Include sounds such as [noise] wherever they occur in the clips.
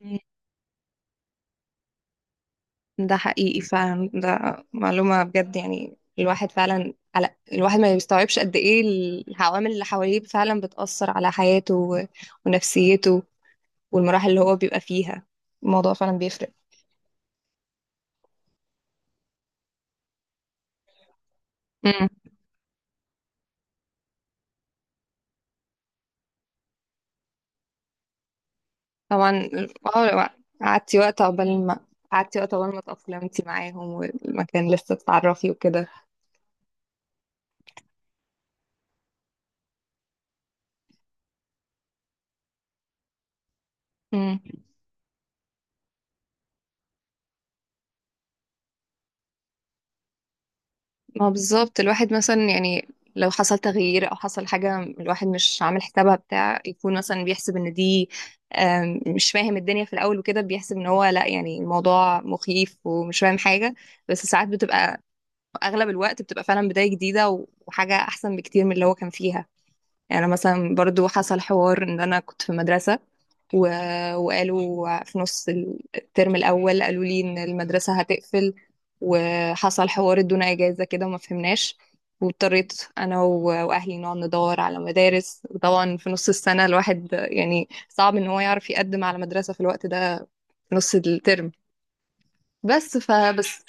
مم. ده حقيقي فعلا. ده معلومة بجد، يعني الواحد فعلا، على الواحد ما بيستوعبش قد ايه العوامل اللي حواليه فعلا بتأثر على حياته ونفسيته، والمراحل اللي هو بيبقى فيها. الموضوع فعلا بيفرق. مم. طبعا. اه. قعدتي وقت عقبال ما قعدتي وقت عقبال ما تأقلمتي معاهم والمكان لسه تتعرفي وكده. مم. ما بالظبط الواحد مثلا، يعني لو حصل تغيير او حصل حاجه، الواحد مش عامل حسابها، بتاع يكون مثلا بيحسب ان دي مش فاهم الدنيا في الاول وكده، بيحسب ان هو لا، يعني الموضوع مخيف ومش فاهم حاجه. بس ساعات بتبقى، اغلب الوقت بتبقى فعلا بدايه جديده و- وحاجه احسن بكتير من اللي هو كان فيها. يعني أنا مثلا برضو حصل حوار ان انا كنت في مدرسه و... وقالوا في نص الترم الأول، قالوا لي إن المدرسة هتقفل، وحصل حوار، ادونا إجازة كده وما فهمناش. واضطريت أنا و... وأهلي نقعد ندور على مدارس. وطبعا في نص السنة الواحد يعني صعب إن هو يعرف يقدم على مدرسة في الوقت ده، في نص الترم. فبس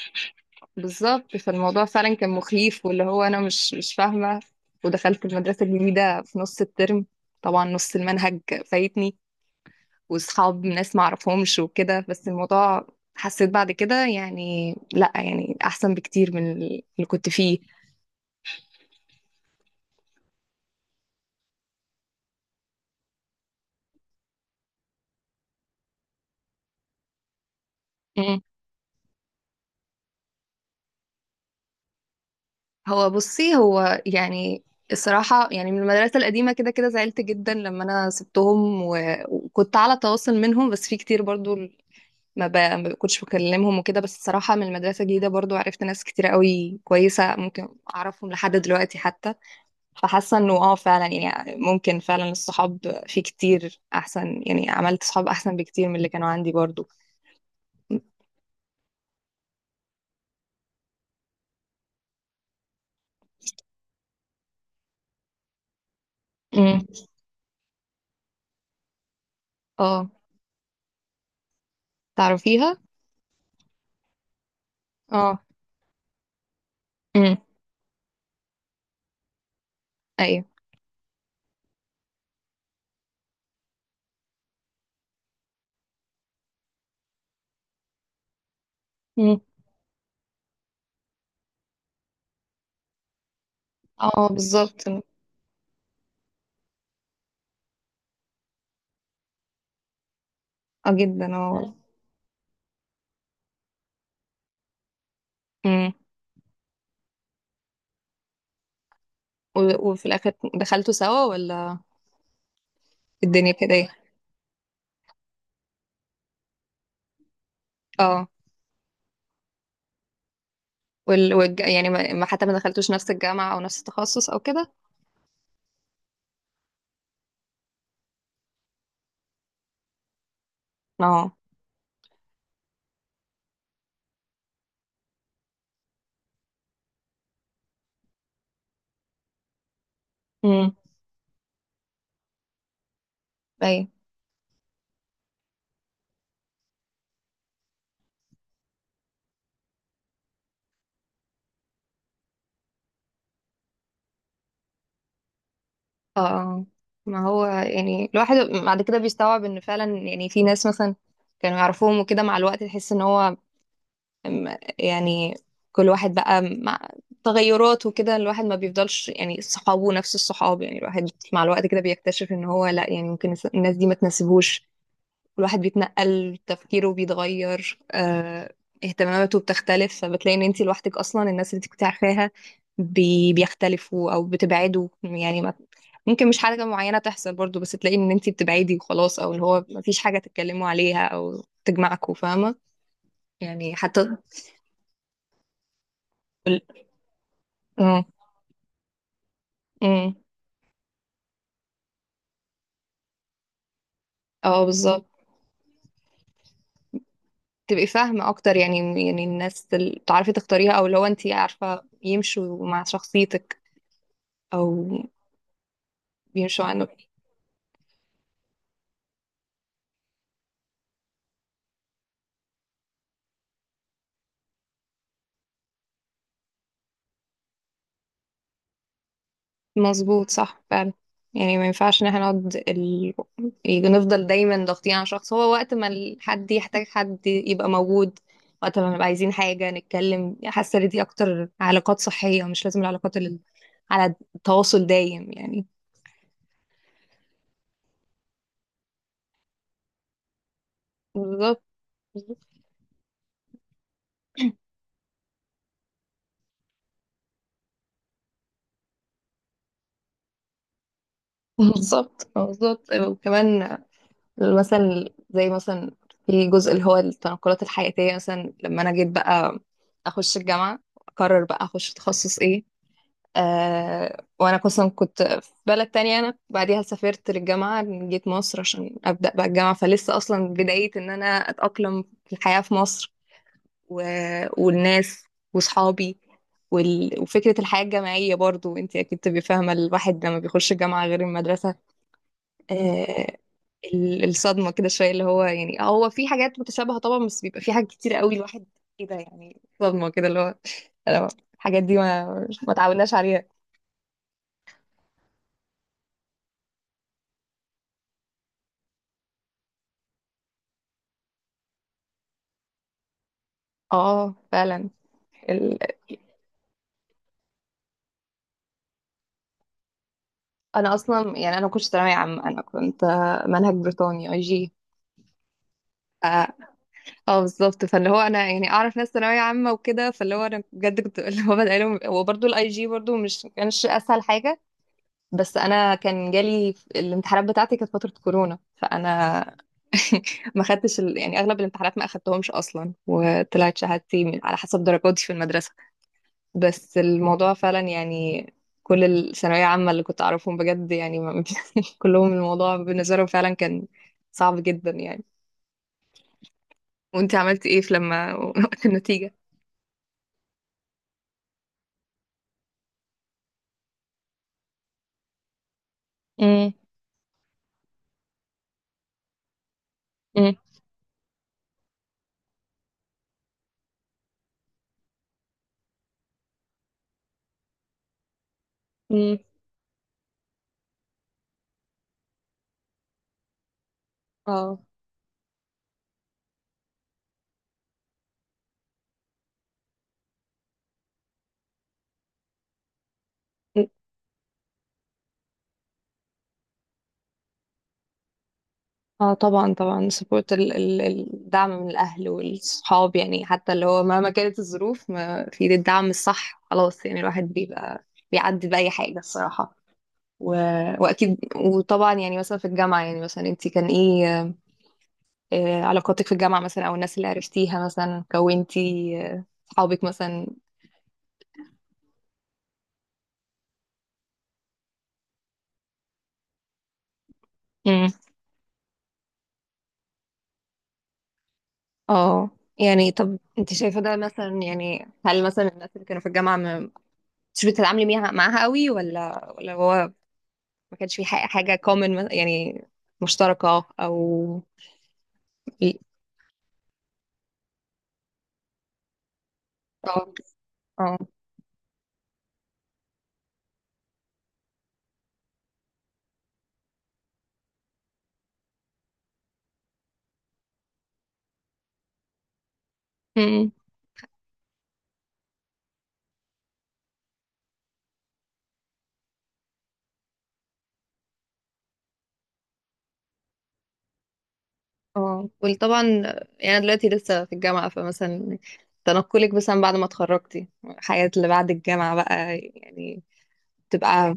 بالظبط، فالموضوع فعلا كان مخيف، واللي هو أنا مش فاهمة. ودخلت المدرسة الجديدة في نص الترم، طبعا نص المنهج فايتني، وصحاب ناس ما اعرفهمش وكده، بس الموضوع حسيت بعد كده يعني لا، يعني احسن بكتير من اللي كنت فيه. مم. هو بصي، هو يعني الصراحة، يعني من المدرسة القديمة كده كده زعلت جدا لما أنا سبتهم، و... وكنت على تواصل منهم، بس في كتير برضو ما كنتش بكلمهم وكده. بس الصراحة من المدرسة الجديدة برضو عرفت ناس كتير قوي كويسة، ممكن أعرفهم لحد دلوقتي حتى. فحاسه انه اه فعلا، يعني ممكن فعلا الصحاب في كتير احسن، يعني عملت صحاب احسن بكتير من اللي كانوا عندي برضو. امم. اه. تعرفيها. اه. امم. ايوه. امم. اه، بالظبط، اه. جدا، اه. امم. و- وفي الاخر دخلتوا سوا، ولا الدنيا كده ايه؟ اه. يعني حتى ما دخلتوش نفس الجامعه، او نفس التخصص، او كده. اه. امم. ايوه. اه. آه. ما هو يعني الواحد بعد كده بيستوعب ان فعلا، يعني في ناس مثلا كانوا يعرفوهم وكده، مع الوقت تحس ان هو يعني كل واحد بقى مع تغيرات وكده. الواحد ما بيفضلش يعني صحابه نفس الصحاب. يعني الواحد مع الوقت كده بيكتشف ان هو لا، يعني ممكن الناس دي ما تناسبوش، والواحد بيتنقل، تفكيره بيتغير، اهتماماته بتختلف، فبتلاقي ان انت لوحدك اصلا. الناس اللي انت كنت عارفاها بيختلفوا او بتبعدوا، يعني ما ممكن مش حاجة معينة تحصل برضو، بس تلاقي ان انت بتبعدي وخلاص، او اللي هو ما فيش حاجة تتكلموا عليها او تجمعكوا، فاهمة يعني؟ حتى ال- اه. أمم. آه، بالظبط. تبقي فاهمة أكتر يعني الناس اللي تعرفي تختاريها، أو لو أنت عارفة يمشوا مع شخصيتك، أو بيمشوا. مظبوط، صح فعلا. يعني ما ينفعش ان احنا نقعد نفضل دايما ضاغطين على شخص. هو وقت ما حد يحتاج، حد يبقى موجود. وقت ما نبقى عايزين حاجة نتكلم. حاسة ان دي اكتر علاقات صحية، مش لازم العلاقات اللي على تواصل دايم يعني. بالظبط بالظبط بالظبط. وكمان مثلا، زي مثلا في جزء اللي هو التنقلات الحياتية. مثلا لما انا جيت بقى اخش الجامعة، اقرر بقى اخش تخصص ايه. وانا اصلا كنت في بلد تانية، انا بعديها سافرت للجامعة، جيت مصر عشان ابدا بقى الجامعة. فلسه اصلا بداية ان انا اتاقلم في الحياة في مصر، و... والناس واصحابي، وال... وفكرة الحياة الجامعية برضو. انت اكيد تبقي فاهمة الواحد لما بيخش الجامعة غير المدرسة. آه الصدمة كده شوية، اللي هو يعني هو في حاجات متشابهة طبعا، بس بيبقى في حاجات كتير قوي الواحد كده، يعني صدمة كده، اللي هو أنا- الحاجات دي ما تعودناش عليها. اه، فعلا. ال... انا اصلا، يعني انا ما كنتش ثانويه عامه، انا كنت منهج بريطاني، اي جي. اه. بالظبط، فاللي هو انا يعني اعرف ناس ثانويه عامه وكده، فاللي هو انا بجد كنت [laughs] اللي هو بدأ لهم هو برضه الاي جي، برضه مش كانش اسهل حاجه. بس انا كان جالي الامتحانات بتاعتي، كانت فتره كورونا، فانا [laughs] ما خدتش يعني اغلب الامتحانات ما اخدتهمش اصلا، وطلعت شهادتي على حسب درجاتي في المدرسه. بس الموضوع فعلا يعني، كل الثانوية عامة اللي كنت أعرفهم بجد يعني [laughs] كلهم الموضوع بالنسبة لهم فعلا كان صعب جدا يعني. وانت عملت ايه في لما [laughs] وقت النتيجة؟ امم. امم. امم. اه. اه. طبعا طبعا. سبورت، ال ال الدعم من الأهل والصحاب يعني. حتى اللي هو مهما كانت الظروف، ما في ايد الدعم الصح، خلاص، يعني الواحد بيبقى بيعدي بأي حاجة الصراحة، و... وأكيد. وطبعا يعني مثلا في الجامعة، يعني مثلا انت كان ايه علاقاتك في الجامعة مثلا، أو الناس اللي عرفتيها مثلا، كونتي صحابك مثلا. مم. اه. يعني طب انت شايفة ده مثلا؟ يعني هل مثلا الناس اللي كانوا في الجامعة ما، مش بتتعاملي معاها قوي، ولا هو ما كانش في حاجة common يعني، مشتركة، أو… اه. اه. مم. اه، وطبعا يعني أنا دلوقتي لسه في الجامعة، فمثلا تنقلك مثلا بعد ما اتخرجتي، الحياة اللي بعد الجامعة بقى يعني تبقى…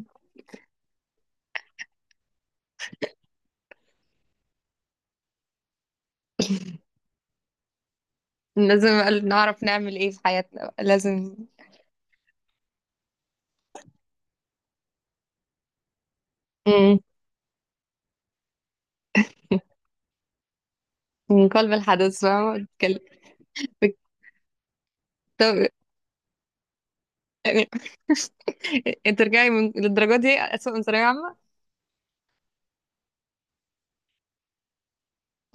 لازم نعرف نعمل ايه في حياتنا بقى. لازم. مم. من قلب الحدث فاهمة. بت- طب- يعني [laughs] انت ترجعي للدرجة دي أسوأ من ثانوية عامة؟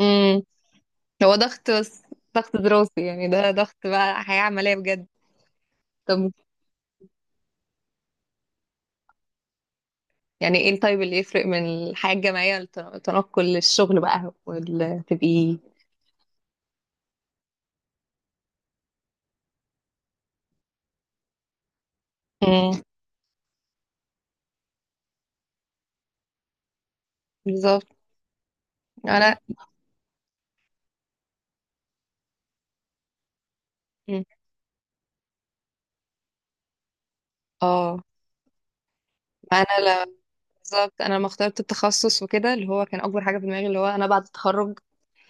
مم. هو ضغط، بس ضغط دراسي، يعني ده ضغط بقى حياة عملية بجد. طب يعني ايه الطيب اللي يفرق من الحياة الجامعية للتنقل للشغل بقى، تبقي… مم. بالظبط. انا. مم. اه. انا لا. بالظبط، انا لما اخترت التخصص وكده، اللي هو كان اكبر حاجة في دماغي اللي هو انا بعد التخرج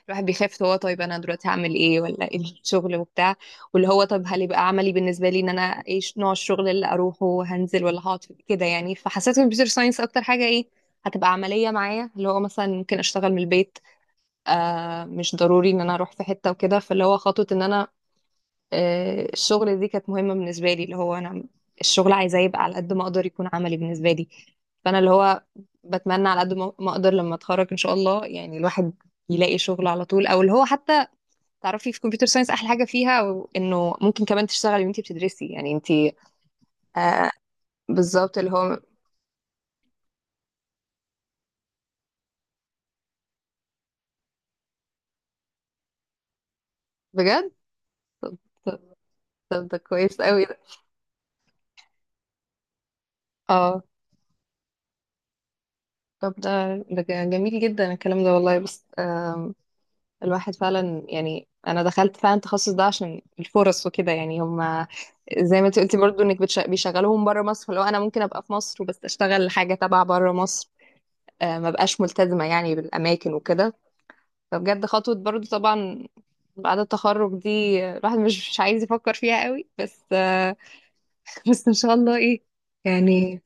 الواحد بيخاف، هو طيب انا دلوقتي هعمل ايه، ولا ايه الشغل وبتاع؟ واللي هو طب هل يبقى عملي بالنسبه لي ان انا ايه نوع الشغل اللي اروحه، هنزل ولا هقعد كده يعني. فحسيت الكمبيوتر ساينس اكتر حاجه ايه هتبقى عمليه معايا، اللي هو مثلا ممكن اشتغل من البيت، مش ضروري ان انا اروح في حته وكده. فاللي هو خطوه ان انا الشغل دي كانت مهمه بالنسبه لي، اللي هو انا الشغل عايزاه يبقى على قد ما اقدر يكون عملي بالنسبه لي. فانا اللي هو بتمنى على قد ما اقدر لما اتخرج ان شاء الله، يعني الواحد يلاقي شغل على طول، او اللي هو حتى تعرفي في كمبيوتر ساينس احلى حاجه فيها انه ممكن كمان تشتغلي وانتي بتدرسي يعني انتي… آه، بالظبط اللي هو بجد. طب طب طب، ده كويس قوي ده. اه. طب ده جميل جدا الكلام ده والله. بس الواحد فعلا يعني انا دخلت فعلا التخصص ده عشان الفرص وكده. يعني هم زي ما انت قلتي برضو انك بيشغلوهم بره مصر، فلو انا ممكن ابقى في مصر وبس اشتغل حاجه تبع بره مصر، ما بقاش ملتزمه يعني بالاماكن وكده. فبجد خطوة برضو طبعا بعد التخرج دي، الواحد مش عايز يفكر فيها قوي، بس [laughs] بس ان شاء الله ايه. يعني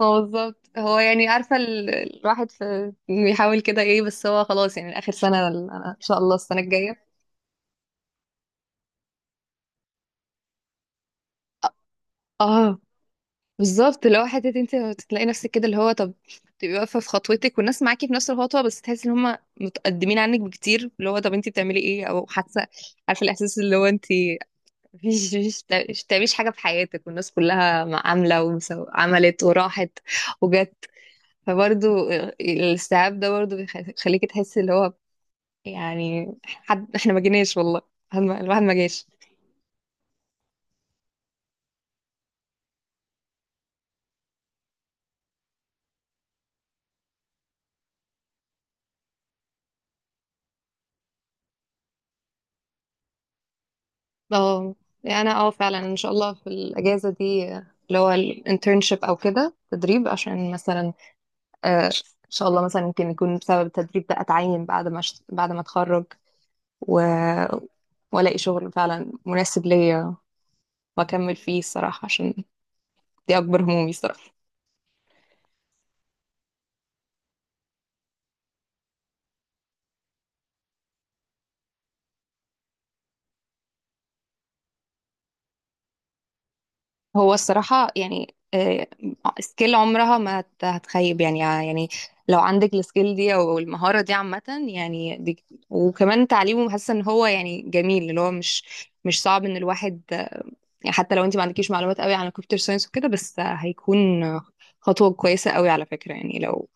هو بالظبط، هو يعني عارفة الواحد في بيحاول كده ايه، بس هو خلاص يعني اخر سنة انا ان شاء الله السنة الجاية. اه، بالظبط اللي هو حتة انت تلاقي نفسك كده، اللي هو طب تبقي واقفة في خطوتك والناس معاكي في نفس الخطوة، بس تحسي ان هم متقدمين عنك بكتير، اللي هو طب انت بتعملي ايه، او حاسة، عارفة الاحساس اللي هو انت مفيش مش تعمليش حاجة في حياتك والناس كلها عاملة وعملت وراحت وجت. فبرضو الاستيعاب ده برضو بيخليكي تحسي اللي هو يعني، حد احنا ما جيناش والله، حد الواحد ما جاش. اه. يعني انا فعلا ان شاء الله في الاجازة دي اللي هو الانترنشيب او كده تدريب، عشان مثلا آه، ان شاء الله مثلا يمكن يكون بسبب التدريب ده اتعين بعد ما بعد ما اتخرج، و- والاقي شغل فعلا مناسب ليا واكمل فيه الصراحة، عشان دي اكبر همومي الصراحه. هو الصراحه يعني، سكيل عمرها ما هتخيب يعني، يعني لو عندك السكيل دي او المهاره دي عامه، يعني دي. وكمان تعليمه، حاسه ان هو يعني جميل، اللي هو مش صعب ان الواحد يعني حتى لو انت ما عندكيش معلومات قوي عن الكمبيوتر ساينس وكده، بس هيكون خطوه كويسه قوي على فكره. يعني لو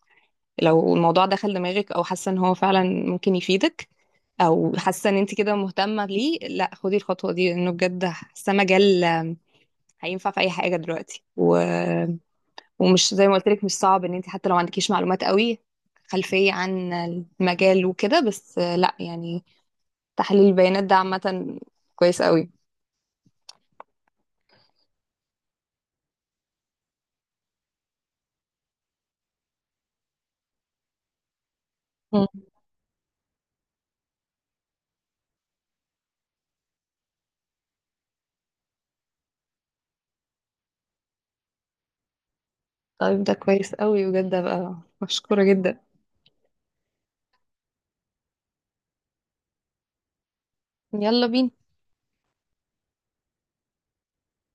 لو الموضوع دخل دماغك، او حاسه ان هو فعلا ممكن يفيدك، او حاسه ان انت كده مهتمه ليه، لا خدي الخطوه دي، لانه بجد حاسه مجال هينفع في اي حاجه دلوقتي، و... ومش زي ما قلت لك مش صعب ان انت حتى لو ما عندكيش معلومات قوي، خلفيه عن المجال وكده، بس لا يعني تحليل البيانات ده عامه كويس قوي. مم. طيب، ده كويس قوي بجد بقى، مشكوره جدا. يلا بينا.